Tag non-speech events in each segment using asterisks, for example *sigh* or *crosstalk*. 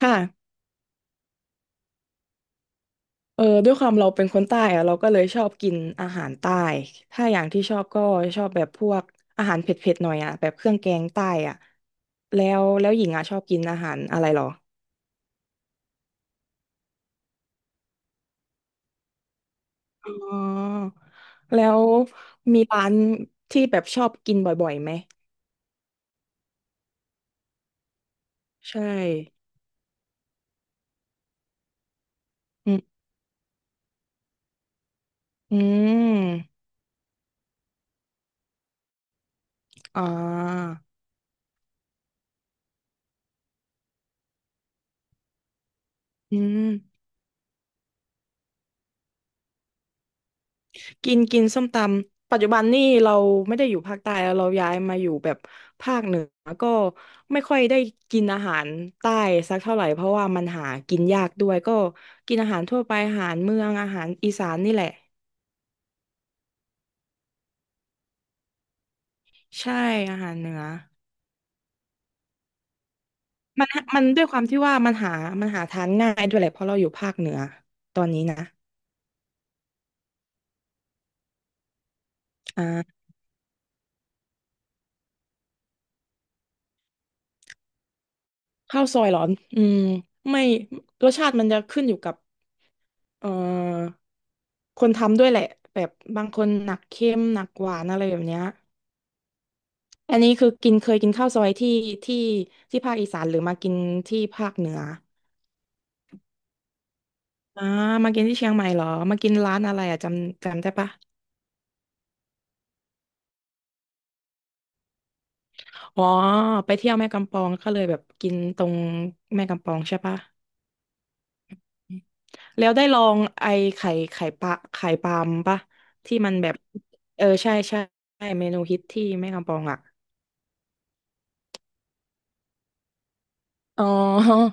ค่ะด้วยความเราเป็นคนใต้อะเราก็เลยชอบกินอาหารใต้ถ้าอย่างที่ชอบก็ชอบแบบพวกอาหารเผ็ดๆหน่อยอะแบบเครื่องแกงใต้อะแล้วหญิงอะชอบกินอาหารอะไรหรออ๋อแล้วมีร้านที่แบบชอบกินบ่อยๆไหม ใช่อืมอืมอ่าอืม กินกินส้มตำปัจจุบันนี่เราไม่ได้อยู่ภาคใต้แล้วเราย้ายมาอยู่แบบภาคเหนือก็ไม่ค่อยได้กินอาหารใต้สักเท่าไหร่เพราะว่ามันหากินยากด้วยก็กินอาหารทั่วไปอาหารเมืองอาหารอีสานนี่แหละใช่อาหารเหนือมันด้วยความที่ว่ามันหาหาทานง่ายด้วยแหละเพราะเราอยู่ภาคเหนือตอนนี้นะอ่าข้าวซอยเหรออืมไม่รสชาติมันจะขึ้นอยู่กับเอ่อ คนทำด้วยแหละแบบบางคนหนักเค็มหนักหวานอะไรแบบเนี้ยอันนี้คือกินเคยกินข้าวซอยที่ที่ภาคอีสานหรือมากินที่ภาคเหนืออ่ามากินที่เชียงใหม่เหรอมากินร้านอะไรอ่ะจำได้ปะอ๋อไปเที่ยวแม่กำปองก็เลยแบบกินตรงแม่กำปองใช่ปะแล้วได้ลองไอไข่ปลาไข่ปลามปะที่มันแบบเออใช่ใช่ใช่เมนูฮิตที่แม่กำปองอ่ะอ๋อ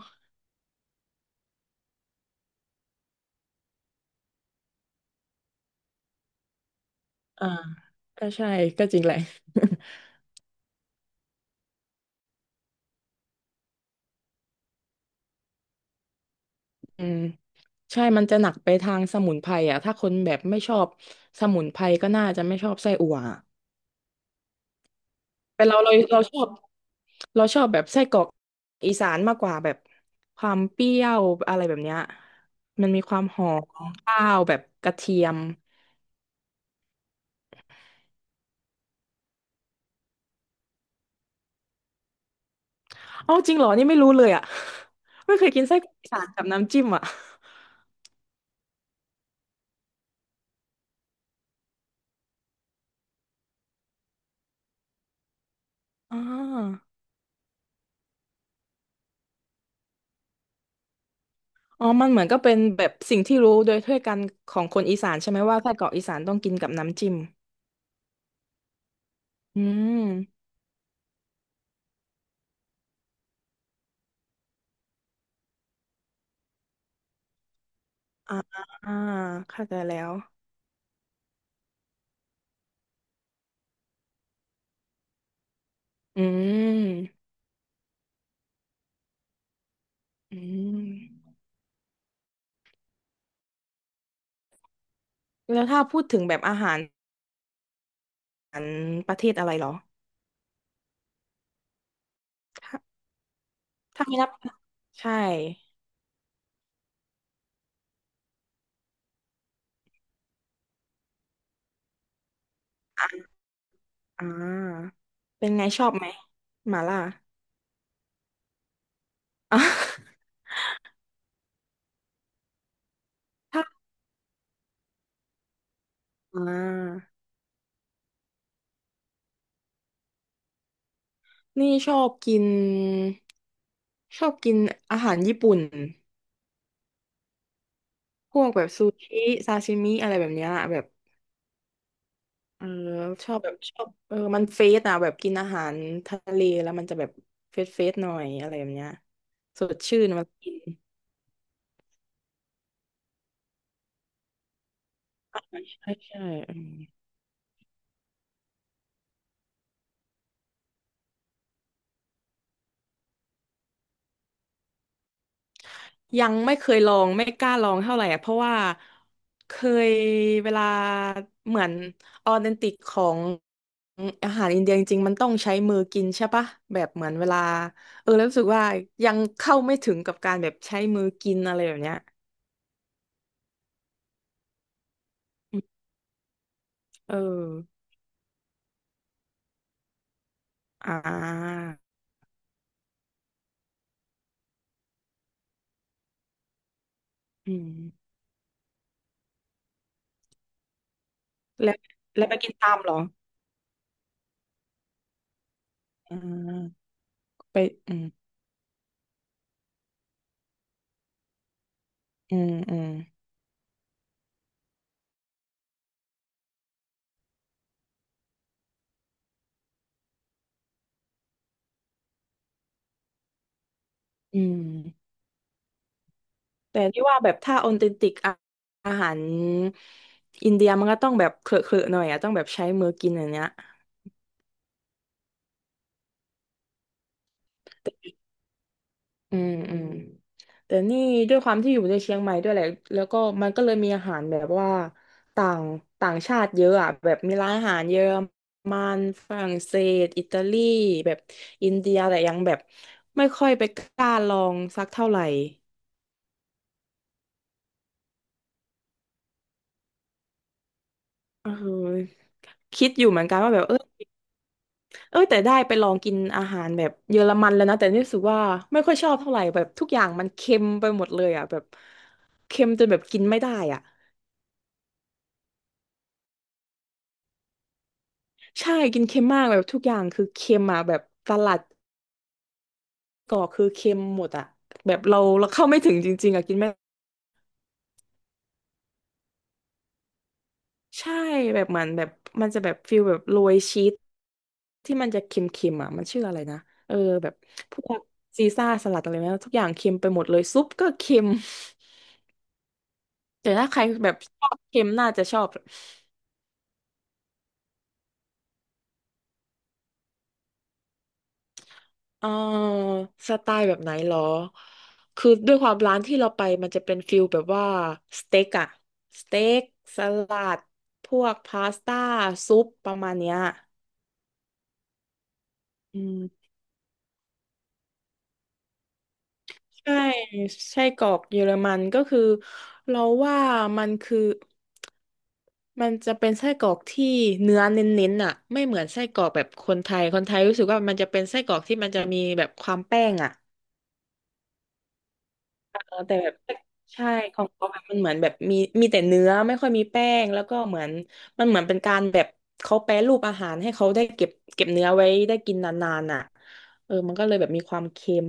*laughs* อ่าก็ใช่ก็จริงแหละ *laughs* อืม ใช่มันจะหนักไปทางสมุนไพรอ่ะถ้าคนแบบไม่ชอบสมุนไพรก็น่าจะไม่ชอบไส้อั่วอะแต่เราชอบเราชอบแบบไส้กรอกอีสานมากกว่าแบบความเปรี้ยวอะไรแบบเนี้ยมันมีความหอมของข้าวแบบกระเทียมอ๋อจริงเหรอ นี่ไม่รู้เลยอ่ะ *laughs* ไม่เคยกินไส้กรอกอีสานกับน้ำจิ้มอ่ะ *laughs* อ๋อมันเหมือนก็เป็นแบบสิ่งที่รู้โดยทั่วกันของคนอีสานใช่ไหมว่าไส้กรอกอีสานต้องกินกับน้ำจิ้มอืม อ่าอ่าเข้าใจแล้วอืมอืมแล้วถ้าพูดถึงแบบอาหารประเทศอะไรเหรอถ้าไม่นับใช่อ่าเป็นไงชอบไหมหม่าล่า *laughs* อ่ะถ้าอ่านี่ชอบกินอาหารญี่ปุ่นพวกแบบซูชิซาชิมิอะไรแบบเนี้ยแบบ เออชอบแบบชอบมันเฟสอ่ะแบบกินอาหารทะเลแล้วมันจะแบบเฟสหน่อยอะไรแบบเนี้ยสดชื่นมากินใช่ใช่อืมยังไม่เคยลองไม่กล้าลองเท่าไหร่อะเพราะว่าเคยเวลาเหมือนออเทนติกของอาหารอินเดียจริงๆมันต้องใช้มือกินใช่ปะแบบเหมือนเวลาแล้วรู้สึกว่ายังเข้าไม่ถึงกับการแบบใช้มือกินอะไรแบบเนี้ยเอออ่าอืม แล้วแล้วไปกินตามเหรออ่าไปอืมอืมอืมอืมแต่ที่ว่าแบบถ้าออเทนติกอาอาหารอินเดียมันก็ต้องแบบเคลอะหน่อยอะต้องแบบใช้มือกินอย่างเนี้ยอืมอืมแต่นี่ด้วยความที่อยู่ในเชียงใหม่ด้วยแหละแล้วก็มันก็เลยมีอาหารแบบว่าต่างต่างชาติเยอะอ่ะแบบมีร้านอาหารเยอรมันฝรั่งเศสอิตาลีแบบอินเดียแต่ยังแบบไม่ค่อยไปกล้าลองสักเท่าไหร่ เออคิดอยู่เหมือนกันว่าแบบเออเออแต่ได้ไปลองกินอาหารแบบเยอรมันแล้วนะแต่รู้สึกว่าไม่ค่อยชอบเท่าไหร่แบบทุกอย่างมันเค็มไปหมดเลยอ่ะแบบเค็มจนแบบกินไม่ได้อ่ะใช่กินเค็มมากแบบทุกอย่างคือเค็มอ่ะแบบสลัดก็คือเค็มหมดอ่ะแบบเราเข้าไม่ถึงจริงๆอ่ะกินไม่ใช่แบบเหมือนแบบมันจะแบบฟิลแบบโรยชีสที่มันจะเค็มๆอ่ะมันชื่ออะไรนะเออแบบพวกซีซ่าสลัดอะไรนะทุกอย่างเค็มไปหมดเลยซุปก็เค็ม แต่ถ้าใครแบบชอบเค็มน่าจะชอบเออสไตล์แบบไหนหรอคือด้วยความร้านที่เราไปมันจะเป็นฟิลแบบว่าสเต็กอะสเต็กสลัดพวกพาสต้าซุปประมาณเนี้ยอืมใช่ไส้กรอกเยอรมันก็คือเราว่ามันคือมันจะเป็นไส้กรอกที่เนื้อเน้นๆอ่ะไม่เหมือนไส้กรอกแบบคนไทยคนไทยรู้สึกว่ามันจะเป็นไส้กรอกที่มันจะมีแบบความแป้งอ่ะ แต่แบบใช่ของเขาแบบมันเหมือนแบบมีแต่เนื้อไม่ค่อยมีแป้งแล้วก็เหมือนมันเหมือนเป็นการแบบเขาแปรรูปอาหารให้เขาได้เก็บเก็บเนื้อไว้ได้กินนานๆอ่ะมันก็เลยแบบมีความเค็ม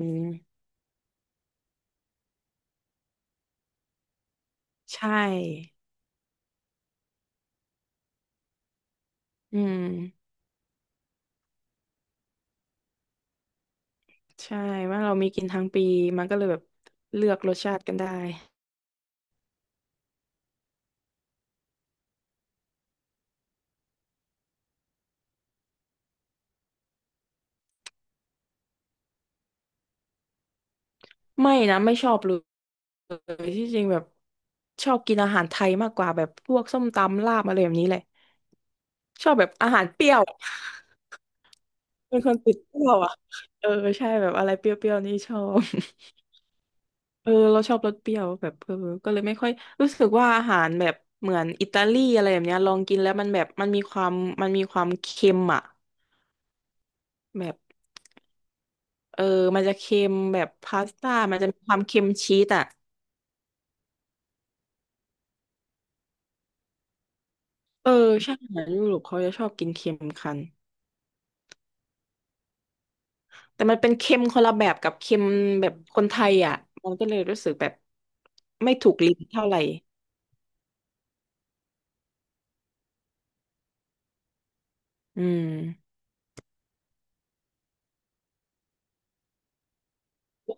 ใช่อืมใช่ว่าเรามีกินทั้งปีมันก็เลยแบบเลือกรสชาติกันได้ไม่นะไม่ชอบเลยที่จริงแบบชอบกินอาหารไทยมากกว่าแบบพวกส้มตำลาบอะไรแบบนี้เลยชอบแบบอาหารเปรี้ยว เป็นคนติดเปรี้ยวอ่ะเออใช่แบบอะไรเปรี้ยวๆนี่ชอบ *laughs* เราชอบรสเปรี้ยวแบบก็เลยไม่ค่อยรู้สึกว่าอาหารแบบเหมือนอิตาลีอะไรแบบเนี้ยลองกินแล้วมันแบบมันมีความเค็มอ่ะแบบเออมันจะเค็มแบบพาสต้ามันจะมีความเค็มชีสอ่ะเออใช่อาหารยุโรปเขาจะชอบกินเค็มกันแต่มันเป็นเค็มคนละแบบกับเค็มแบบคนไทยอ่ะมันก็เลยรู้สึกแบบไม่ถูกลิ้นเท่าไหร่อืม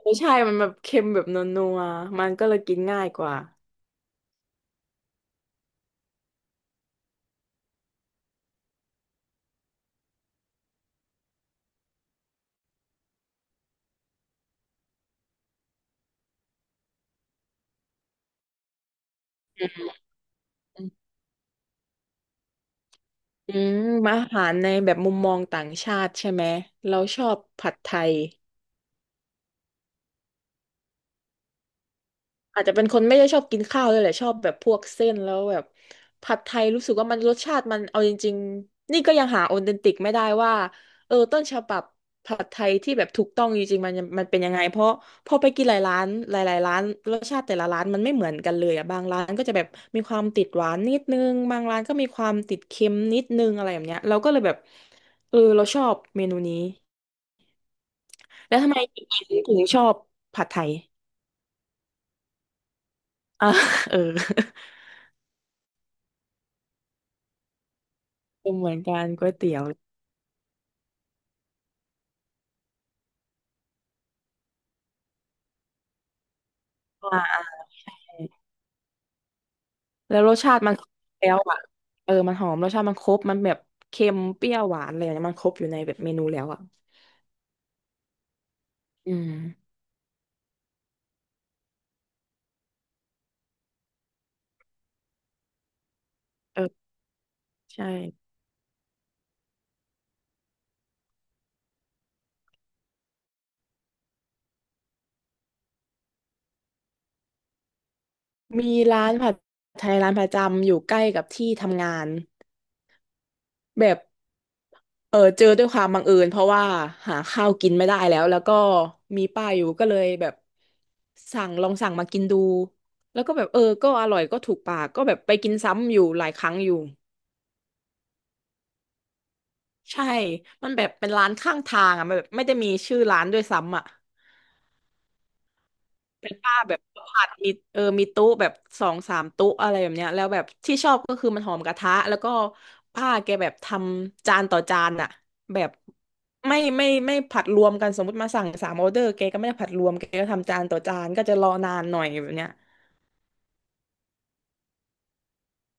ไม่ใช่มันแบบเค็มแบบนัวๆ มันก็เลยกินง่ายกว่าอืมอืมอาหารในแบบมุมมองต่างชาติใช่ไหม เราชอบผัดไทย อาจจะเป็นคนไม่ได้ชอบกินข้าวเลยแหละชอบแบบพวกเส้นแล้วแบบผัดไทยรู้สึกว่ามันรสชาติมันเอาจริงๆนี่ก็ยังหาออเทนติกไม่ได้ว่าต้นฉบับผัดไทยที่แบบถูกต้องจริงๆมันมันเป็นยังไงเพราะพอไปกินหลายร้านหลายๆร้านรสชาติแต่ละร้านมันไม่เหมือนกันเลยอ่ะบางร้านก็จะแบบมีความติดหวานนิดนึงบางร้านก็มีความติดเค็มนิดนึงอะไรแบบเนี้ยเราก็เลยแบบเราชอบเมนูนี้แล้วทำไมถึงชอบผัดไทย *laughs* อ่ะเออ เหมือนกันก๋วยเตี๋ยวใช่แล้วรสชาติมันครบแล้วอ่ะมันหอมรสชาติมันครบมันแบบเค็มเปรี้ยวหวานอะไรอย่างเงี้ยมันครบอยู่ในแบบเมนูแล้วอ่ะอืมเออใช่มีร้านผัดไทยร้านประจำอยู่ใกล้กับที่ทำงานแบบเจอด้วยความบังเอิญเพราะว่าหาข้าวกินไม่ได้แล้วแล้วก็มีป้ายอยู่ก็เลยแบบสั่งลองสั่งมากินดูแล้วก็แบบก็อร่อยก็ถูกปากก็แบบไปกินซ้ำอยู่หลายครั้งอยู่ ใช่ มันแบบเป็นร้านข้างทางอ่ะมันแบบไม่ได้มีชื่อร้านด้วยซ้ำอ่ะเป็นป้าแบบผัดมีมีโตู้แบบสองสามโตู้อะไรแบบเนี้ยแล้วแบบที่ชอบก็คือมันหอมกระทะแล้วก็ป้าแกแบบทำจานต่อจานอ่ะแบบไม่ผัดรวมกันสมมติมาสั่งสามออเดอร์แกก็ไม่ได้ผัดรวมแกก็ทำจานต่อจานก็จะรอนานหน่อยแบบเนี้ย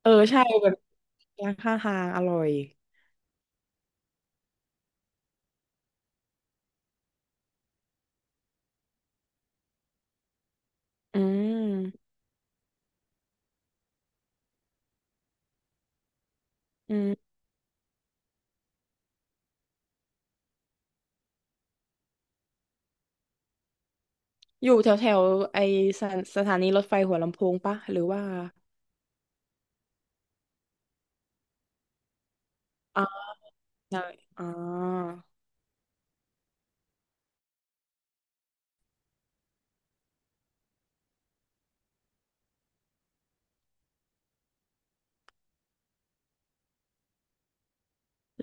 ใช่แบบร้านข้างทางอร่อยอืมอืมอยู่แถวแถวไอสถานสถานีรถไฟหัวลำโพงปะหรือว่า ใช่อ่า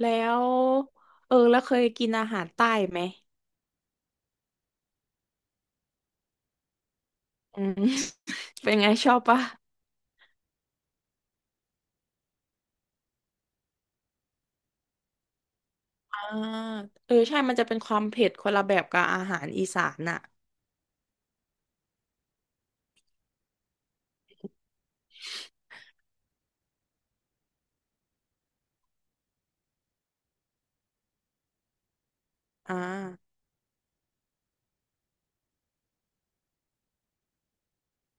แล้วแล้วเคยกินอาหารใต้ไหมอืม *laughs* เป็นไงชอบปะอ่าใช่มันจะเป็นความเผ็ดคนละแบบกับอาหารอีสานน่ะอ่า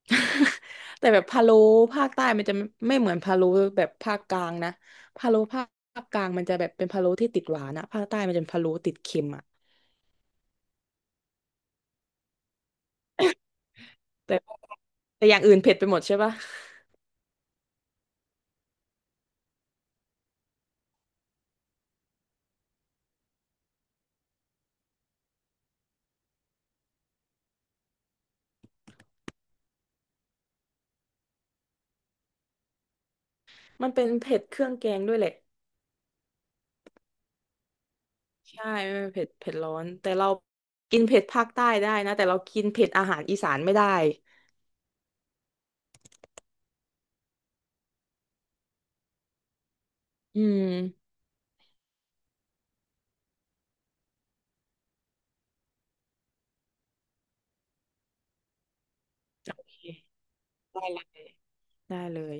*laughs* แต่แบบพะโล้ภาคใต้มันจะไม่เหมือนพะโล้แบบภาคกลางนะพะโล้ภาคกลางมันจะแบบเป็นพะโล้ที่ติดหวานอะภาคใต้มันจะเป็นพะโล้ติดเค็มอะแต่แต่อย่างอื่นเผ็ดไปหมดใช่ปะ *laughs* มันเป็นเผ็ดเครื่องแกงด้วยแหละ ใช่ไม่เผ็ดเผ็ดร้อนแต่เรากินเผ็ดภาคใต้ได้นะแต่เรากินเผ็ดอาหารอีสานไม่ได้อืมโอเคได้เลยได้เลย